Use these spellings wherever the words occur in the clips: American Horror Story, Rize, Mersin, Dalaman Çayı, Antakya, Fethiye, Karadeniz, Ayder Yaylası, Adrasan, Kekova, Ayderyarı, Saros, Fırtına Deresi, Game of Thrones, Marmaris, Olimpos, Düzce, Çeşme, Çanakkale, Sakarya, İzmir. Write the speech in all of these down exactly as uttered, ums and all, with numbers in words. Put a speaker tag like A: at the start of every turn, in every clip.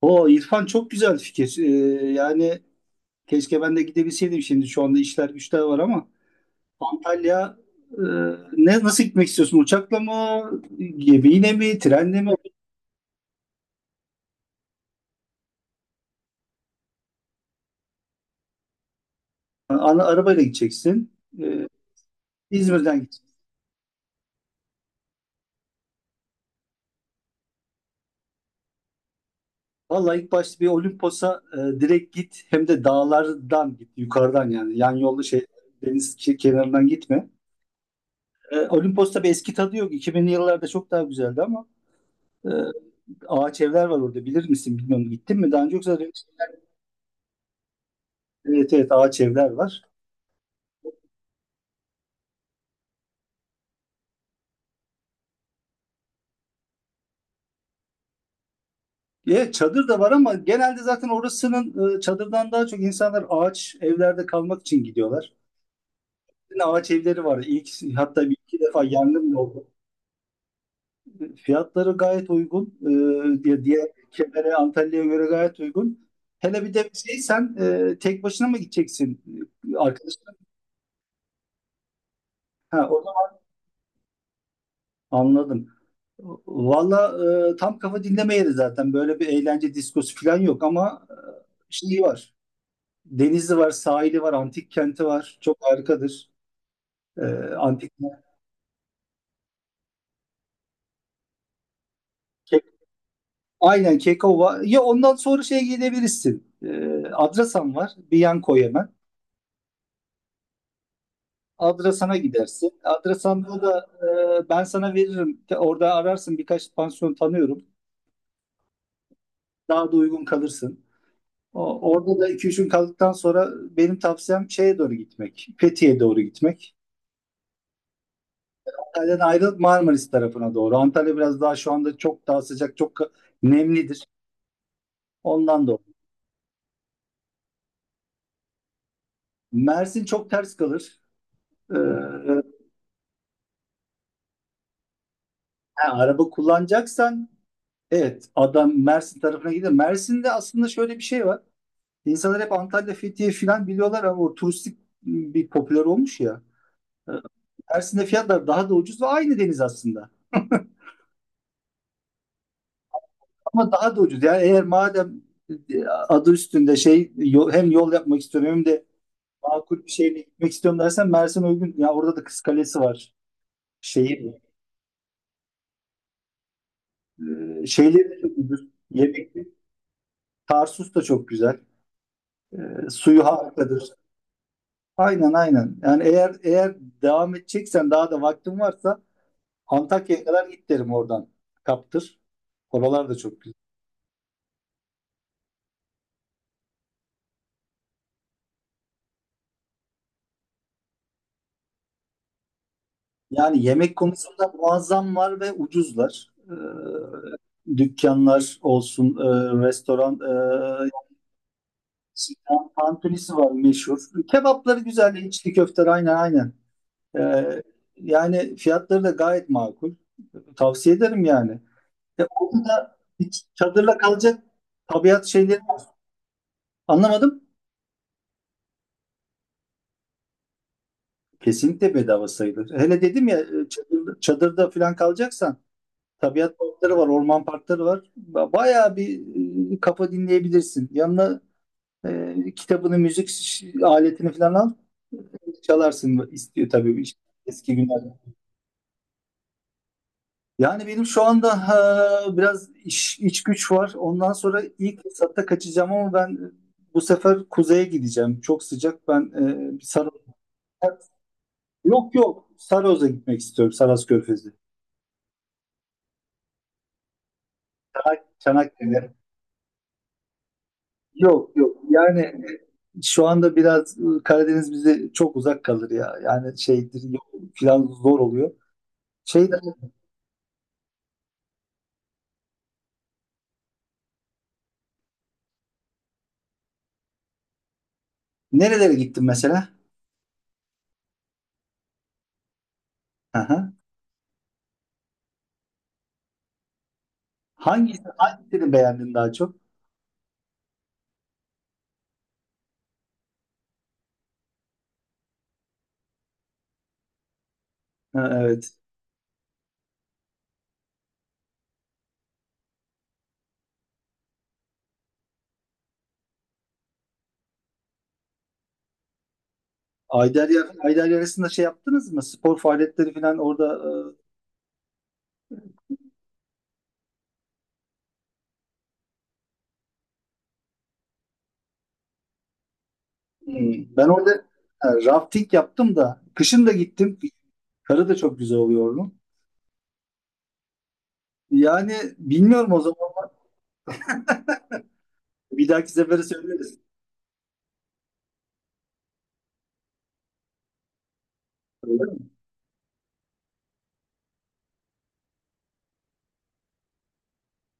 A: O İrfan çok güzel fikir. Ee, yani keşke ben de gidebilseydim şimdi. Şu anda işler güçler var ama Antalya e, ne Nasıl gitmek istiyorsun? Uçakla mı, gemiyle mi, trenle mi? Ana, arabayla gideceksin. Ee, İzmir'den gideceksin. Vallahi ilk başta bir Olimpos'a e, direkt git. Hem de dağlardan git. Yukarıdan yani. Yan yolda şey deniz ke- kenarından gitme. Ee, Olimpos'ta bir eski tadı yok. iki binli yıllarda çok daha güzeldi ama e, ağaç evler var orada. Bilir misin bilmiyorum. Gittin mi daha önce, yoksa? Evet, evet, ağaç evler var. E, çadır da var ama genelde zaten orasının e, çadırdan daha çok insanlar ağaç evlerde kalmak için gidiyorlar. Yine ağaç evleri var. İlk, hatta bir iki defa yangın da oldu. E, Fiyatları gayet uygun. E, diğer diğer ülkelere Antalya'ya göre gayet uygun. Hele bir de şey, sen e, tek başına mı gideceksin? E, arkadaşlar? Ha, o zaman anladım. Valla e, tam kafa dinleme yeri zaten. Böyle bir eğlence diskosu falan yok ama e, şey var. Denizi var, sahili var, antik kenti var. Çok harikadır. Ee, antik Ke- Aynen, Kekova. Ya ondan sonra şeye gidebilirsin. Ee, Adrasan var. Bir yan koy hemen. Adrasan'a gidersin. Adrasan'da da e, ben sana veririm. Te- Orada ararsın, birkaç pansiyon tanıyorum. Daha da uygun kalırsın. O- orada da iki üç gün kaldıktan sonra benim tavsiyem şeye doğru gitmek. Fethiye'ye doğru gitmek. Antalya'dan ayrılıp Marmaris tarafına doğru. Antalya biraz daha şu anda çok daha sıcak, çok ka- nemlidir. Ondan dolayı. Mersin çok ters kalır. Ee, ha, araba kullanacaksan evet adam Mersin tarafına gider. Mersin'de aslında şöyle bir şey var. İnsanlar hep Antalya, Fethiye falan biliyorlar ama o turistik bir popüler olmuş ya. Ee, Mersin'de fiyatlar daha da ucuz ve aynı deniz aslında. Ama daha da ucuz. Yani eğer madem e, adı üstünde şey yol- hem yol yapmak istiyorum hem de makul bir şeyle gitmek istiyorum dersen Mersin uygun. Ya orada da Kız Kalesi var. Şehir. Ee, şeyleri de çok ucuz. Yemekli. Tarsus da çok güzel. E, suyu harikadır. Aynen, aynen. Yani eğer eğer devam edeceksen, daha da vaktin varsa Antakya'ya kadar git derim oradan. Kaptır. Oralar da çok güzel. Yani yemek konusunda muazzam var ve ucuzlar. Ee, dükkanlar olsun, e, restoran, e, Sinan Tantunisi var meşhur. Kebapları güzel, içli köfteler, aynen, aynen. Ee, Yani fiyatları da gayet makul. Tavsiye ederim yani. Ya orada da hiç çadırla kalacak tabiat şeyleri, anlamadım. Kesinlikle bedava sayılır. Hele dedim ya e, çadırda, çadırda falan kalacaksan tabiat parkları var, orman parkları var. Ba- Bayağı bir e, kafa dinleyebilirsin. Yanına e, kitabını, müzik ş- aletini falan al. Çalarsın istiyor tabii iş- eski günlerde. Yani benim şu anda ha, biraz iş, iç güç var. Ondan sonra ilk fırsatta kaçacağım ama ben e, bu sefer kuzeye gideceğim. Çok sıcak. Ben e, bir. Yok, yok. Saros'a gitmek istiyorum. Saros Körfezi. Çanak, Çanakkale. Yok, yok. Yani e, şu anda biraz e, Karadeniz bize çok uzak kalır ya. Yani şeydir, yol falan zor oluyor. Şeyde nerelere gittin mesela? Aha. Hangisi, hangisini beğendin daha çok? Ha, evet. Ayderyer, Ayderyarı'nda şey yaptınız mı? Spor faaliyetleri falan orada e, hmm. Ben orada ha, rafting yaptım da kışın da gittim. Karı da çok güzel oluyor onun. Yani bilmiyorum o zaman. Bir dahaki sefere söyleriz.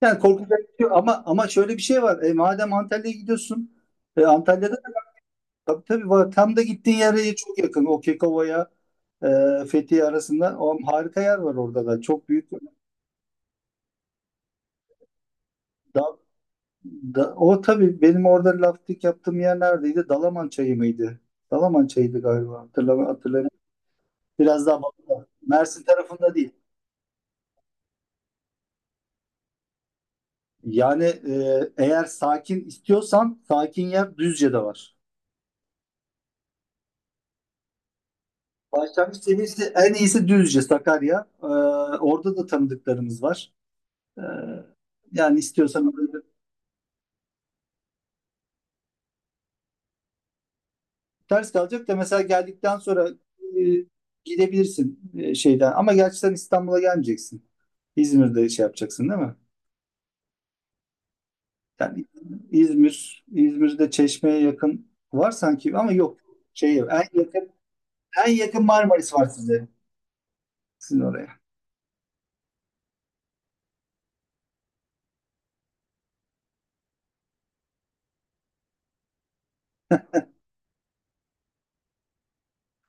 A: Yani korkacak bir şey yok. ama ama şöyle bir şey var. E, madem Antalya'ya gidiyorsun, e, Antalya'da tabii, tabii var. Tam da gittiğin yere çok yakın. O Kekova'ya e, Fethiye arasında o harika yer var orada da. Çok büyük. Da, da- o tabii benim orada laftik yaptığım yer neredeydi? Dalaman Çayı mıydı? Dalaman Çayı'ydı galiba. Hatırlamıyorum. Hatırlamıyorum. Biraz daha batıda. Mersin tarafında değil. Yani e, eğer sakin istiyorsan, sakin yer Düzce'de var. Başlangıç seviyesi en iyisi Düzce, Sakarya. Ee, orada da tanıdıklarımız var. Ee, Yani istiyorsan orada da- ters kalacak da mesela geldikten sonra e, gidebilirsin e, şeyden. Ama gerçi sen İstanbul'a gelmeyeceksin. İzmir'de şey yapacaksın değil mi? Yani İzmir, İzmir'de Çeşme'ye yakın var sanki ama yok. Şey, en yakın, en yakın Marmaris var size. Sizin oraya.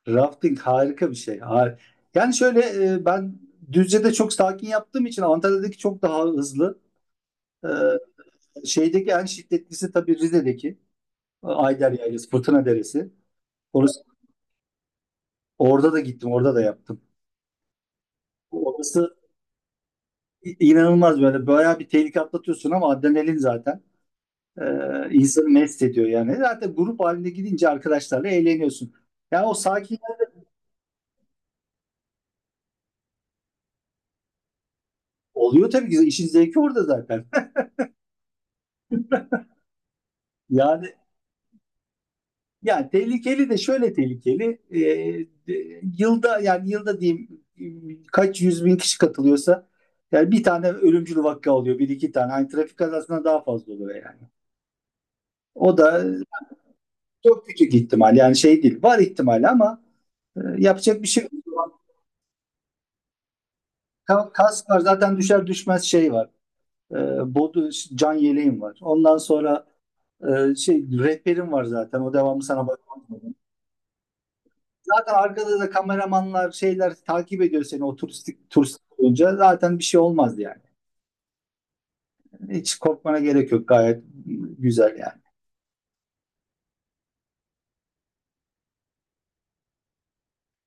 A: Rafting harika bir şey. Har- Yani şöyle, e, ben Düzce'de çok sakin yaptığım için Antalya'daki çok daha hızlı. E, Şeydeki en şiddetlisi tabii Rize'deki e, Ayder Yaylası, Fırtına Deresi. Orası, orada da gittim, orada da yaptım. Orası i- inanılmaz, böyle bayağı bir tehlike atlatıyorsun ama adrenalin zaten e, insanı mest ediyor yani. Zaten grup halinde gidince arkadaşlarla eğleniyorsun. Ya o sakin oluyor tabii ki, işin zevki orada zaten. Yani Yani tehlikeli de şöyle tehlikeli. e, e, yılda, yani yılda diyeyim, e, kaç yüz bin kişi katılıyorsa, yani bir tane ölümcül vaka oluyor. Bir iki tane. Hani trafik kazasından daha fazla oluyor yani. O da çok küçük ihtimal. Yani şey değil. Var ihtimali ama e, yapacak bir şey yok. Ka- Kask var zaten, düşer düşmez şey var. E, Bodu can yeleğim var. Ondan sonra e, şey rehberim var zaten. O devamlı sana bakmaz. Zaten arkada da kameramanlar, şeyler takip ediyor seni, o turistik turistik olunca zaten bir şey olmaz yani. Hiç korkmana gerek yok, gayet güzel yani.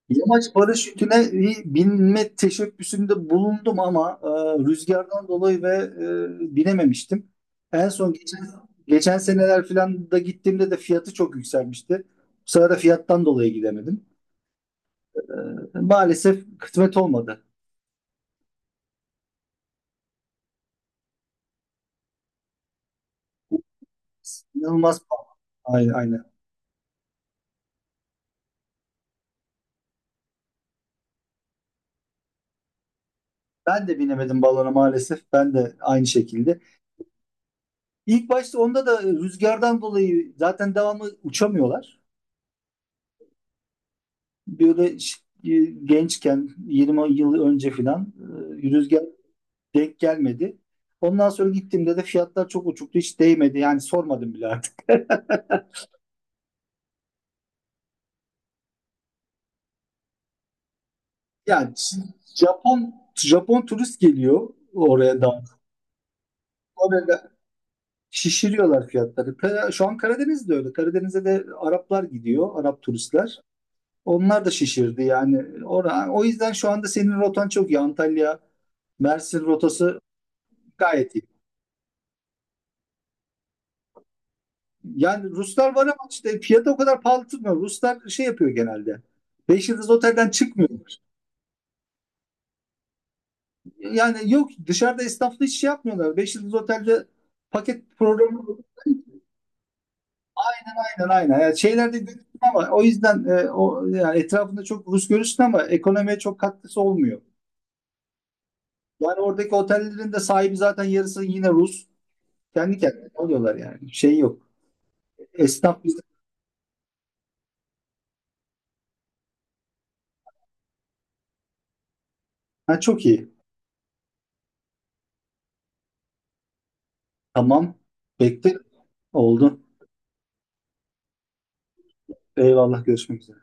A: Yamaç paraşütüne bir binme teşebbüsünde bulundum ama e, rüzgardan dolayı ve e, binememiştim. En son geçen geçen seneler falan da gittiğimde de fiyatı çok yükselmişti. Bu sefer de fiyattan dolayı gidemedim. E, Maalesef kısmet olmadı. İnanılmaz pahalı. Aynen, aynen. Ben de binemedim balona maalesef. Ben de aynı şekilde. İlk başta onda da rüzgardan dolayı zaten devamlı uçamıyorlar. Böyle ş- e, gençken yirmi yıl önce filan e, rüzgar denk gelmedi. Ondan sonra gittiğimde de fiyatlar çok uçuktu. Hiç değmedi. Yani sormadım bile artık. Yani Japon Japon turist geliyor oraya da. Orada şişiriyorlar fiyatları. Kara- Şu an Karadeniz'de öyle. Karadeniz'e de Araplar gidiyor. Arap turistler. Onlar da şişirdi yani. Ora- O yüzden şu anda senin rotan çok iyi. Antalya, Mersin rotası gayet iyi. Yani Ruslar var ama işte fiyatı o kadar pahalı tutmuyor. Ruslar şey yapıyor genelde. Beş yıldız otelden çıkmıyorlar. Yani yok, dışarıda esnafla hiç şey yapmıyorlar. Beş yıldız otelde paket programı, aynen, aynen. Yani şeylerde görürsün ama o yüzden e, o yani etrafında çok Rus görürsün ama ekonomiye çok katkısı olmuyor. Yani oradaki otellerin de sahibi zaten yarısı yine Rus. Kendi kendine alıyorlar yani. Şey yok. Esnaf bizden. Ha, çok iyi. Tamam. Bekle. Oldu. Eyvallah. Görüşmek üzere.